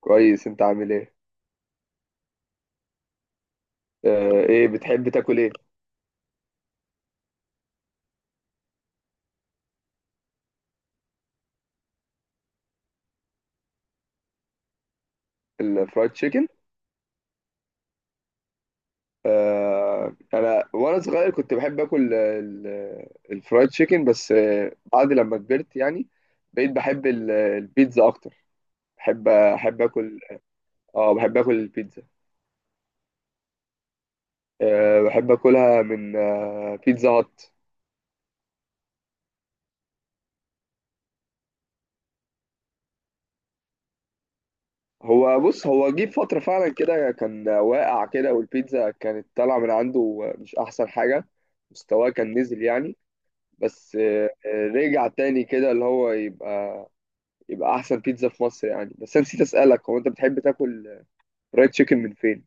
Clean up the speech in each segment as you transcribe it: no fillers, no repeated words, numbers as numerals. كويس. انت عامل ايه؟ آه. ايه بتحب تاكل ايه؟ الفرايد تشيكن؟ آه، انا وانا صغير كنت بحب اكل الفرايد تشيكن. بس بعد لما كبرت يعني بقيت بحب البيتزا اكتر. احب اكل. اه، بحب اكل البيتزا. آه، بحب اكلها من بيتزا هات. بص، هو جه فترة فعلا كده، كان واقع كده، والبيتزا كانت طالعة من عنده مش احسن حاجة. مستواه كان نزل يعني. بس، رجع تاني كده، اللي هو يبقى احسن بيتزا في مصر يعني. بس انا نسيت اسالك، هو انت بتحب تاكل فرايد تشيكن من فين؟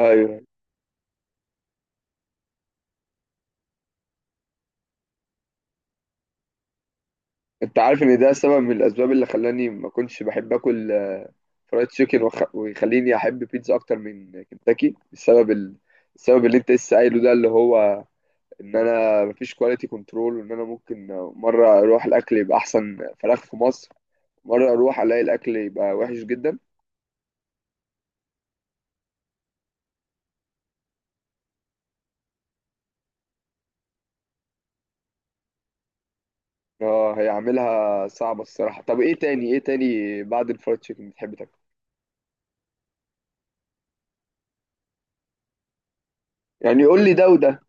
ايوه. انت عارف ان ده سبب من الاسباب اللي خلاني ما كنتش بحب اكل فرايد تشيكن ويخليني احب بيتزا اكتر من كنتاكي؟ السبب اللي انت لسه قايله ده، اللي هو ان انا مفيش كواليتي كنترول، وان انا ممكن مره اروح الاكل يبقى احسن فراخ في مصر، مره اروح الاقي الاكل يبقى وحش جدا. اه، هيعملها صعبة الصراحة. طب ايه تاني؟ ايه تاني بعد الفرايد تشيكن بتحب تاكل؟ يعني قول لي ده وده.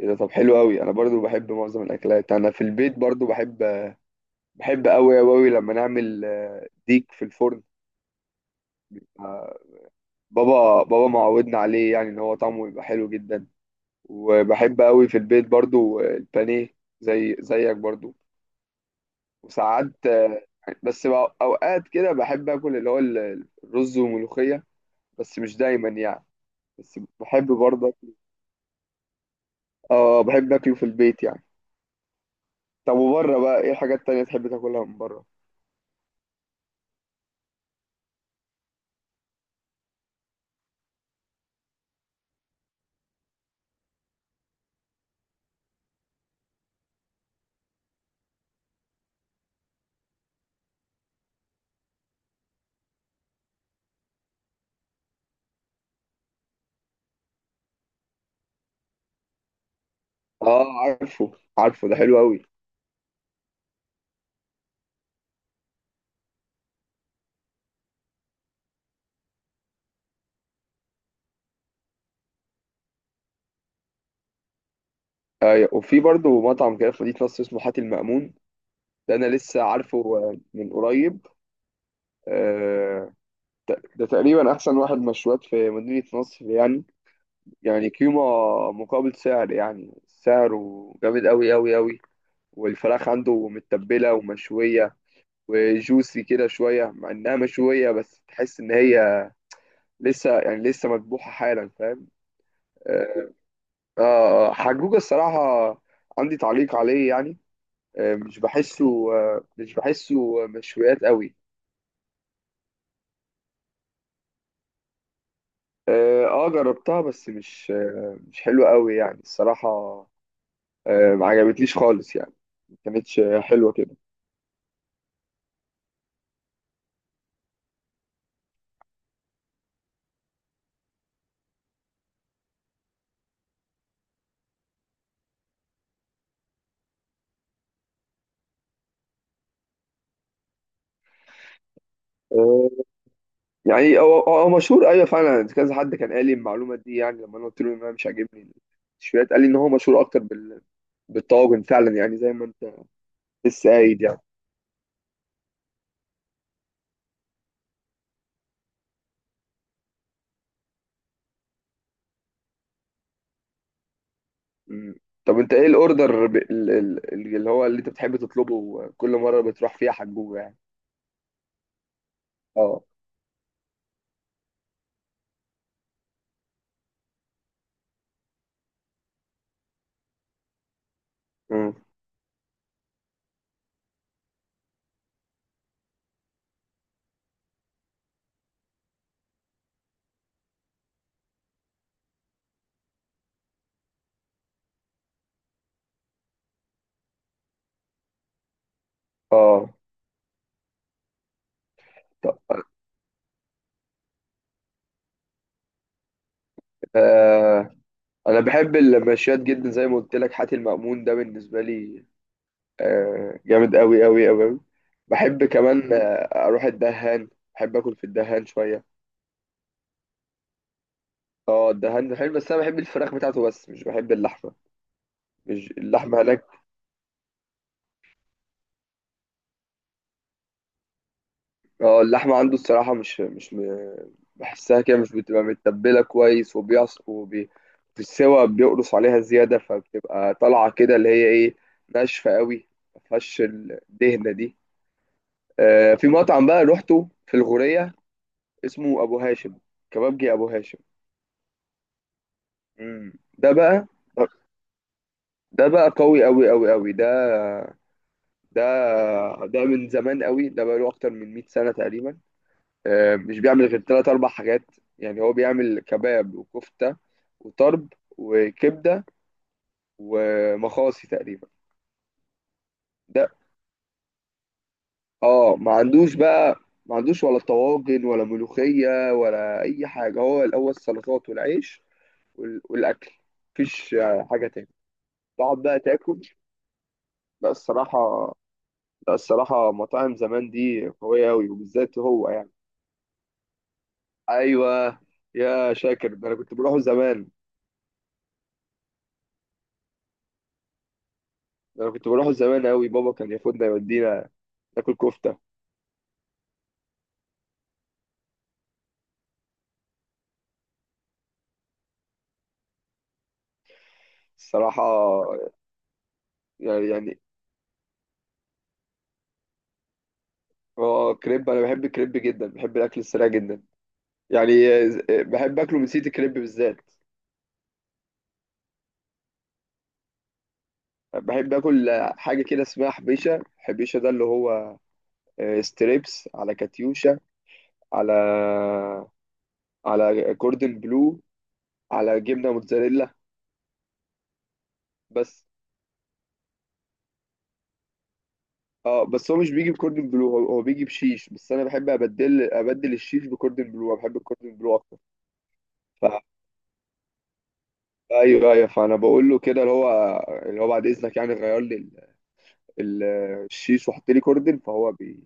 ايه ده؟ طب حلو قوي. انا برضو بحب معظم الاكلات. انا في البيت برضو بحب قوي قوي لما نعمل ديك في الفرن. آه، بابا معودنا عليه، يعني ان هو طعمه يبقى حلو جدا. وبحب قوي في البيت برضو البانيه. زي زيك برضو. وساعات بس اوقات كده بحب اكل اللي هو الرز وملوخية. بس مش دايما يعني. بس بحب برضه. اه، بحب اكله في البيت يعني. طب وبره بقى، ايه الحاجات التانية تحب تاكلها من بره؟ اه، عارفه. عارفه، ده حلو قوي. ايوه، وفي برضه مطعم كده في مدينة نصر اسمه حاتي المأمون. ده انا لسه عارفه من قريب. آه، ده تقريبا احسن واحد مشويات في مدينة نصر يعني. يعني قيمة مقابل سعر، يعني سعره جامد قوي قوي قوي. والفراخ عنده متبلة ومشوية وجوسي كده شوية. مع انها مشوية بس تحس ان هي لسه، يعني لسه مذبوحة حالا. فاهم؟ آه. حجوجة الصراحة عندي تعليق عليه يعني. مش بحسه مشويات قوي. اه، جربتها بس مش حلوة قوي يعني الصراحة. ما عجبتليش خالص يعني. ما كانتش حلوة كده. آه يعني هو مشهور. ايوه، فعلا كذا حد كان قال لي المعلومة دي، يعني لما انا قلت له ان انا مش عاجبني المشويات، قال لي ان هو مشهور اكتر بالطواجن، فعلا يعني، زي ما انت لسه قايل يعني. مم. طب انت ايه الاوردر ب... ال- ال- ال- اللي انت بتحب تطلبه كل مره بتروح فيها حجوجه يعني؟ اه. مم. اه. طب، آه. انا بحب المشويات جدا. زي ما قلت لك، حاتي المأمون ده بالنسبه لي جامد قوي قوي قوي قوي. بحب كمان اروح الدهان. بحب اكل في الدهان شويه. اه، الدهان بحب. بس انا بحب الفراخ بتاعته، بس مش بحب اللحمه. مش اللحمه هناك. اه، اللحمة عنده الصراحة مش بحسها كده مش بتبقى متبلة كويس. وبيعص في السوا بيقرص عليها زيادة، فبتبقى طالعة كده اللي هي ايه، ناشفة قوي. مفيهاش الدهنة دي. في مطعم بقى روحته في الغورية اسمه أبو هاشم. كبابجي أبو هاشم. مم. ده بقى، ده بقى قوي قوي قوي قوي. ده ده ده من زمان قوي. ده بقى له أكتر من 100 سنة تقريبا. مش بيعمل غير تلات أربع حاجات. يعني هو بيعمل كباب وكفتة وطرب وكبدة ومخاصي تقريبا. ده. اه، ما عندوش بقى. ما عندوش ولا طواجن ولا ملوخية ولا أي حاجة. هو الأول السلطات والعيش والأكل. مفيش حاجة تاني. تقعد بقى تاكل. لا الصراحة. لا، الصراحة مطاعم زمان دي قوية أوي، وبالذات هو يعني. أيوه. يا شاكر، ده أنا كنت بروحه زمان. ده أنا كنت بروحه زمان أوي. بابا كان ياخدنا يودينا ناكل كفته. الصراحه. يعني اه، كريب، انا بحب الكريب جدا، بحب الاكل السريع جدا يعني. بحب اكله من سيتي الكريب بالذات. بحب اكل حاجه كده اسمها حبيشه. حبيشه ده اللي هو ستريبس على كاتيوشا، على على كوردن بلو، على جبنه موتزاريلا بس اه بس هو مش بيجي بكوردن بلو. هو بيجي بشيش، بس انا بحب ابدل الشيش بكوردن بلو. أنا بحب الكوردن بلو اكتر. ايوه، ايوه. فانا بقول له كده اللي هو، اللي هو بعد اذنك، يعني غير لي ال- الشيش وحط لي كوردن. فهو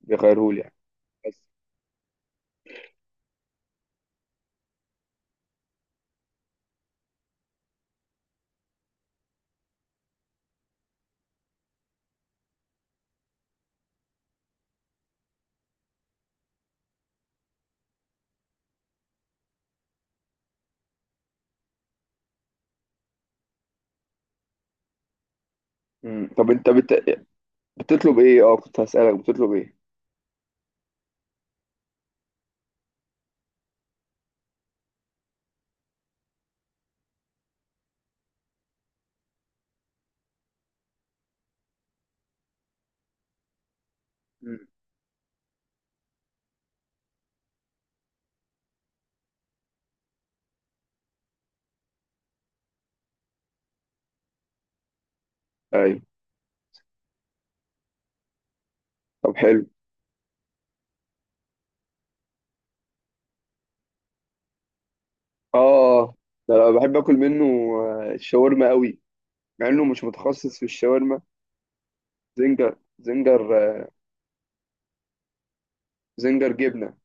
بيغيره لي يعني. بس. مم. طب انت بتطلب ايه؟ اه، كنت هسألك بتطلب ايه. مم. ايوه. طب حلو. اه، ده انا بحب اكل منه الشاورما قوي. مع انه مش متخصص في الشاورما. زنجر زنجر. آه. زنجر جبنة.